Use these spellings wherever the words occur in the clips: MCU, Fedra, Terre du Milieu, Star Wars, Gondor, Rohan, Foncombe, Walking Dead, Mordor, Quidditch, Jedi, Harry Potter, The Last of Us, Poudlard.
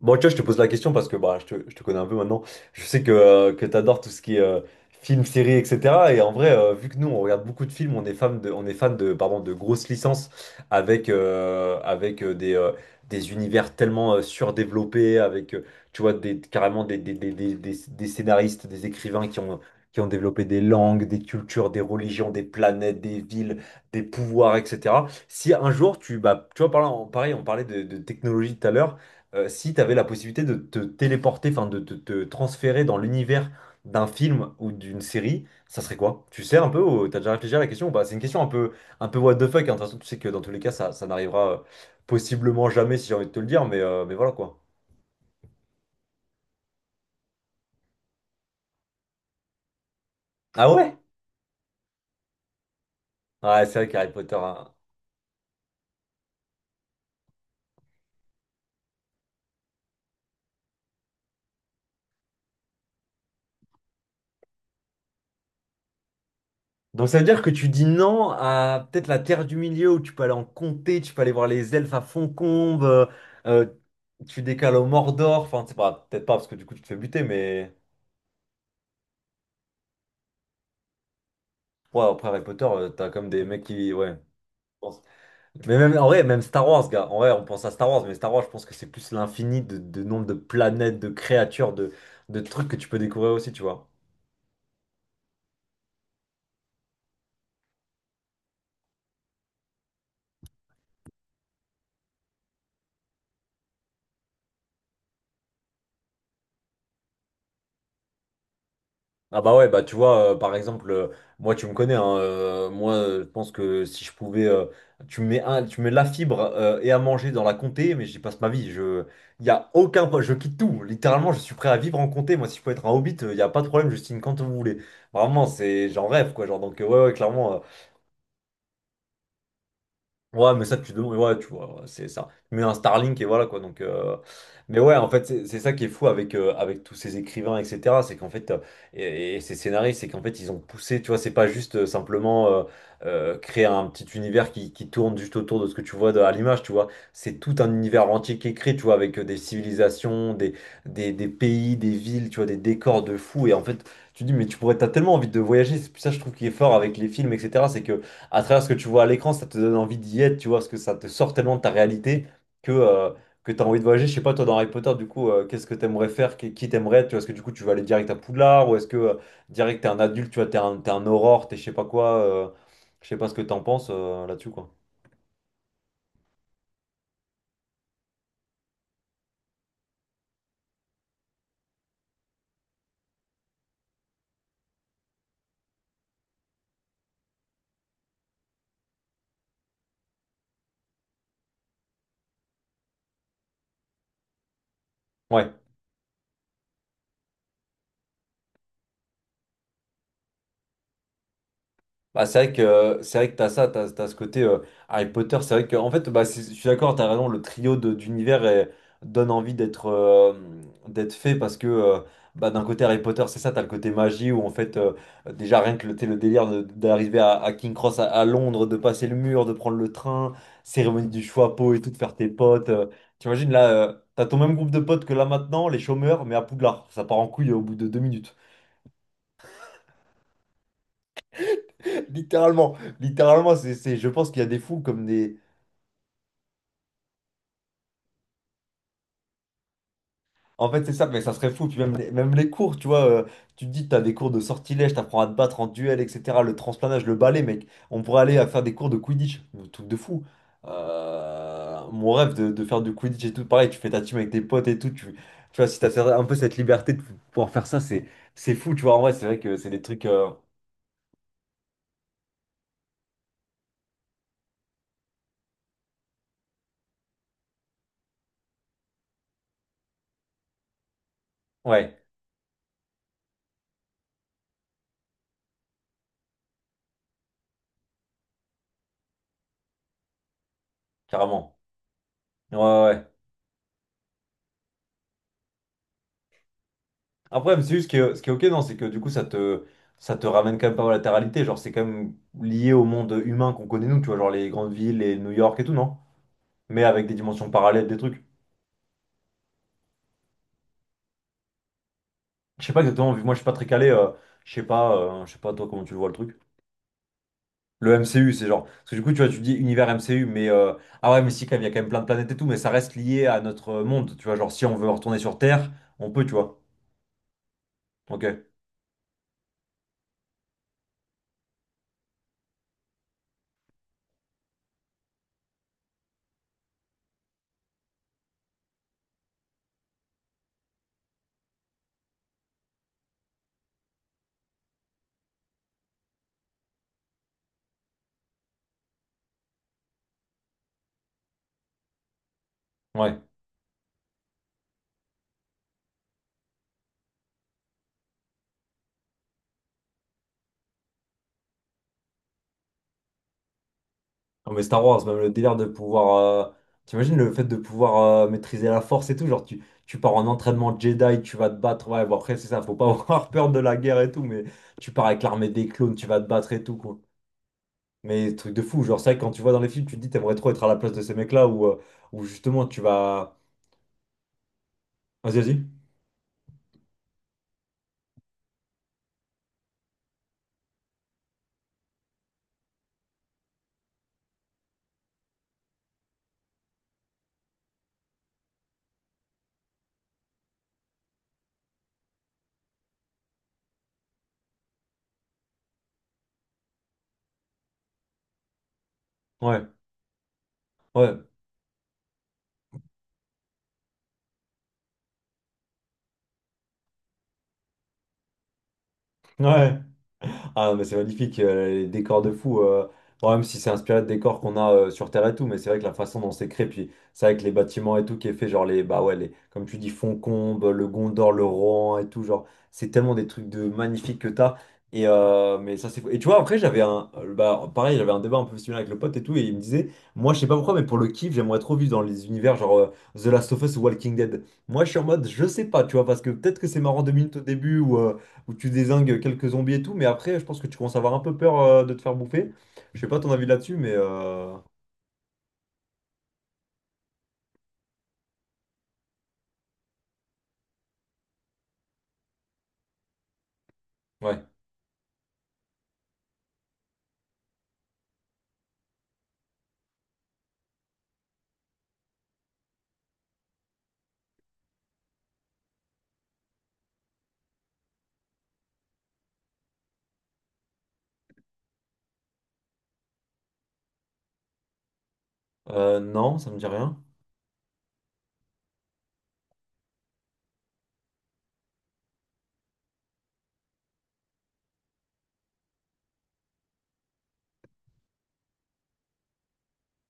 Bon, tu vois, je te pose la question parce que je te connais un peu maintenant. Je sais que tu adores tout ce qui est film, série, etc. Et en vrai, vu que nous, on regarde beaucoup de films, on est fan de, on est fan de, pardon, de grosses licences avec des univers tellement surdéveloppés, tu vois, carrément des scénaristes, des écrivains qui ont développé des langues, des cultures, des religions, des planètes, des villes, des pouvoirs, etc. Si un jour, tu vois, par là, pareil, on parlait de technologie tout à l'heure. Si tu avais la possibilité de te téléporter, enfin de te transférer dans l'univers d'un film ou d'une série, ça serait quoi? Tu sais un peu ou t'as déjà réfléchi à la question ou pas? C'est une question un peu what the fuck, hein. De toute façon, tu sais que dans tous les cas, ça n'arrivera possiblement jamais si j'ai envie de te le dire, mais voilà quoi. Ah ouais? Ouais, c'est vrai qu'Harry Potter, hein. Donc ça veut dire que tu dis non à peut-être la Terre du Milieu, où tu peux aller en comté, tu peux aller voir les elfes à Foncombe, euh, tu décales au Mordor? Enfin, c'est pas, peut-être pas, parce que du coup tu te fais buter, mais. Ouais, après Harry Potter, t'as comme des mecs qui. Ouais, je pense. Mais même, en vrai, même Star Wars, gars. En vrai, on pense à Star Wars, mais Star Wars, je pense que c'est plus l'infini de nombre de planètes, de créatures, de trucs que tu peux découvrir aussi, tu vois. Ah bah ouais, bah tu vois, par exemple, tu me connais, hein, je pense que si je pouvais, tu me mets la fibre et à manger dans la comté, mais j'y passe ma vie. Y a aucun, je quitte tout. Littéralement, je suis prêt à vivre en comté. Moi, si je peux être un hobbit, il n'y a pas de problème, je signe quand vous voulez. Vraiment, j'en rêve, quoi. Genre, donc, ouais, ouais, clairement. Ouais, mais ça, tu demandes, ouais, tu vois, ouais, c'est ça. Mais un Starlink, et voilà, quoi. Donc, euh. Mais ouais, en fait, c'est ça qui est fou avec, avec tous ces écrivains, etc. C'est qu'en fait, et ces scénaristes, c'est qu'en fait, ils ont poussé, tu vois, c'est pas juste simplement créer un petit univers qui tourne juste autour de ce que tu vois à l'image, tu vois. C'est tout un univers entier qui est créé, tu vois, avec des civilisations, des pays, des villes, tu vois, des décors de fou. Et en fait, tu te dis, mais tu pourrais, t'as tellement envie de voyager. C'est ça, je trouve, qui est fort avec les films, etc. C'est que à travers ce que tu vois à l'écran, ça te donne envie d'y être, tu vois, parce que ça te sort tellement de ta réalité que, euh, que tu as envie de voyager. Je sais pas, toi, dans Harry Potter, du coup, qu'est-ce que tu aimerais faire, tu vois, est-ce que du coup, tu vas aller direct à Poudlard, ou est-ce que direct, t'es un adulte, tu vois, t'es un aurore, t'es je sais pas quoi, je sais pas ce que t'en penses là-dessus, quoi. Ouais. Bah, c'est vrai que t'as ça, t'as ce côté Harry Potter. C'est vrai que en fait, je suis d'accord, t'as raison. Le trio d'univers donne envie d'être d'être fait parce que bah, d'un côté Harry Potter, c'est ça, t'as le côté magie où en fait déjà rien que le, t'sais, d'arriver à King Cross à Londres, de passer le mur, de prendre le train, cérémonie du choix à pot et tout, de faire tes potes. T'imagines là, t'as ton même groupe de potes que là maintenant, les chômeurs, mais à Poudlard, ça part en couille au bout de deux minutes. Littéralement, littéralement, je pense qu'il y a des fous comme des. En fait, c'est ça, mais ça serait fou. Puis même les cours, tu vois, tu te dis, t'as des cours de sortilège, t'apprends à te battre en duel, etc. Le transplanage, le balai, mec. On pourrait aller à faire des cours de Quidditch, un truc de fou. Mon rêve de faire du Quidditch et tout, pareil, tu fais ta team avec tes potes et tout. Tu vois, si t'as un peu cette liberté de pouvoir faire ça, c'est fou, tu vois. En vrai, c'est vrai que c'est des trucs, ouais, carrément. Ouais, ouais, ouais. Après, mais c'est juste que ce qui est ok, non, c'est que du coup, ça te ramène quand même pas mal à la réalité. Genre, c'est quand même lié au monde humain qu'on connaît, nous, tu vois, genre les grandes villes, les New York et tout, non? Mais avec des dimensions parallèles, des trucs. Je sais pas exactement, vu que moi, je suis pas très calé, je sais pas, toi, comment tu le vois le truc. Le MCU, c'est genre. Parce que du coup, tu vois, tu dis univers MCU, mais. Ah ouais, mais si, quand même, il y a quand même plein de planètes et tout, mais ça reste lié à notre monde, tu vois. Genre, si on veut retourner sur Terre, on peut, tu vois. Ok, ouais. Non, mais Star Wars, même le délire de pouvoir, euh. T'imagines le fait de pouvoir maîtriser la force et tout. Genre, tu pars en entraînement Jedi, tu vas te battre. Ouais, bon, après, c'est ça, faut pas avoir peur de la guerre et tout. Mais tu pars avec l'armée des clones, tu vas te battre et tout, quoi. Mais truc de fou. Genre, c'est vrai que quand tu vois dans les films, tu te dis, t'aimerais trop être à la place de ces mecs-là, ou justement, tu vas. Vas-y, vas-y. Ouais, ouais, ouais. Ah, mais c'est magnifique, les décors de fou, bon, même si c'est inspiré de décors qu'on a sur Terre et tout, mais c'est vrai que la façon dont c'est créé, puis c'est avec les bâtiments et tout qui est fait, genre les, bah ouais, les, comme tu dis, Foncombe, le Gondor, le Rohan et tout, genre, c'est tellement des trucs de magnifiques que t'as. Et, mais ça, c'est fou. Et tu vois, après, pareil, j'avais un débat un peu similaire avec le pote et tout, et il me disait, moi, je sais pas pourquoi, mais pour le kiff, j'aimerais trop vivre dans les univers genre The Last of Us ou Walking Dead. Moi, je suis en mode, je sais pas, tu vois, parce que peut-être que c'est marrant deux minutes au début où tu désingues quelques zombies et tout, mais après, je pense que tu commences à avoir un peu peur de te faire bouffer. Je sais pas ton avis là-dessus, ouais. Non, ça me dit rien.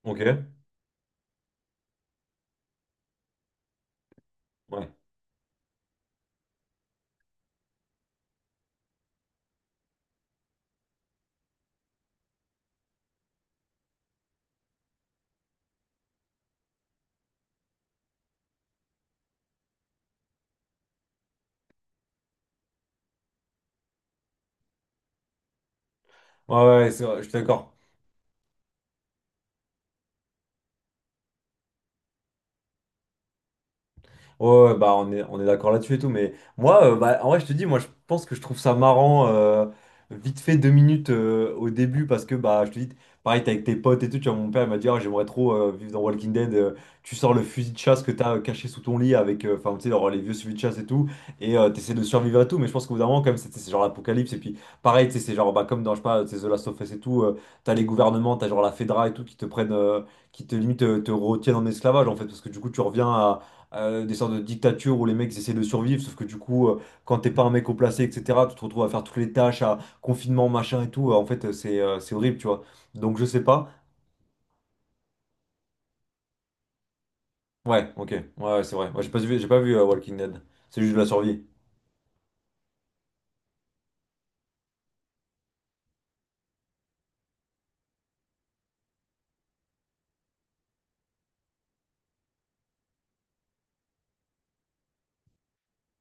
Ok. Ouais. Ouais, ouais, ouais, c'est vrai, je suis d'accord. Ouais, Bah on est d'accord là-dessus et tout, mais moi, en vrai, je te dis, moi, je pense que je trouve ça marrant, vite fait deux minutes au début, parce que, bah, je te dis, pareil, t'es avec tes potes et tout, tu vois, mon père, il m'a dit, Ah, j'aimerais trop vivre dans Walking Dead, tu sors le fusil de chasse que t'as caché sous ton lit avec, enfin, tu sais, genre, les vieux fusils de chasse et tout, t'essaies de survivre à tout, mais je pense qu'au bout d'un moment, quand même, c'est genre l'apocalypse, et puis, pareil, tu sais, c'est genre, bah, comme dans, je sais pas, tu sais, The Last of Us et tout, t'as les gouvernements, t'as genre la Fedra et tout, qui te prennent, qui te limite, te retiennent en esclavage, en fait, parce que du coup, tu reviens à des sortes de dictatures où les mecs ils essaient de survivre, sauf que du coup, quand t'es pas un mec au placé, etc., tu te retrouves à faire toutes les tâches, à confinement, machin et tout. En fait, c'est horrible, tu vois. Donc, je sais pas. Ouais, ok, ouais, ouais, c'est vrai. Moi, j'ai pas vu Walking Dead. C'est juste de la survie.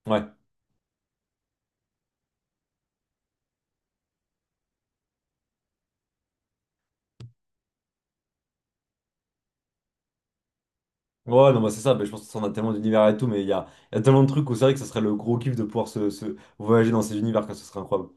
Ouais. Ouais, non, bah c'est ça, bah, je pense que ça en a tellement d'univers et tout, mais il y a tellement de trucs où c'est vrai que ça serait le gros kiff de pouvoir se voyager dans ces univers, que ce serait incroyable.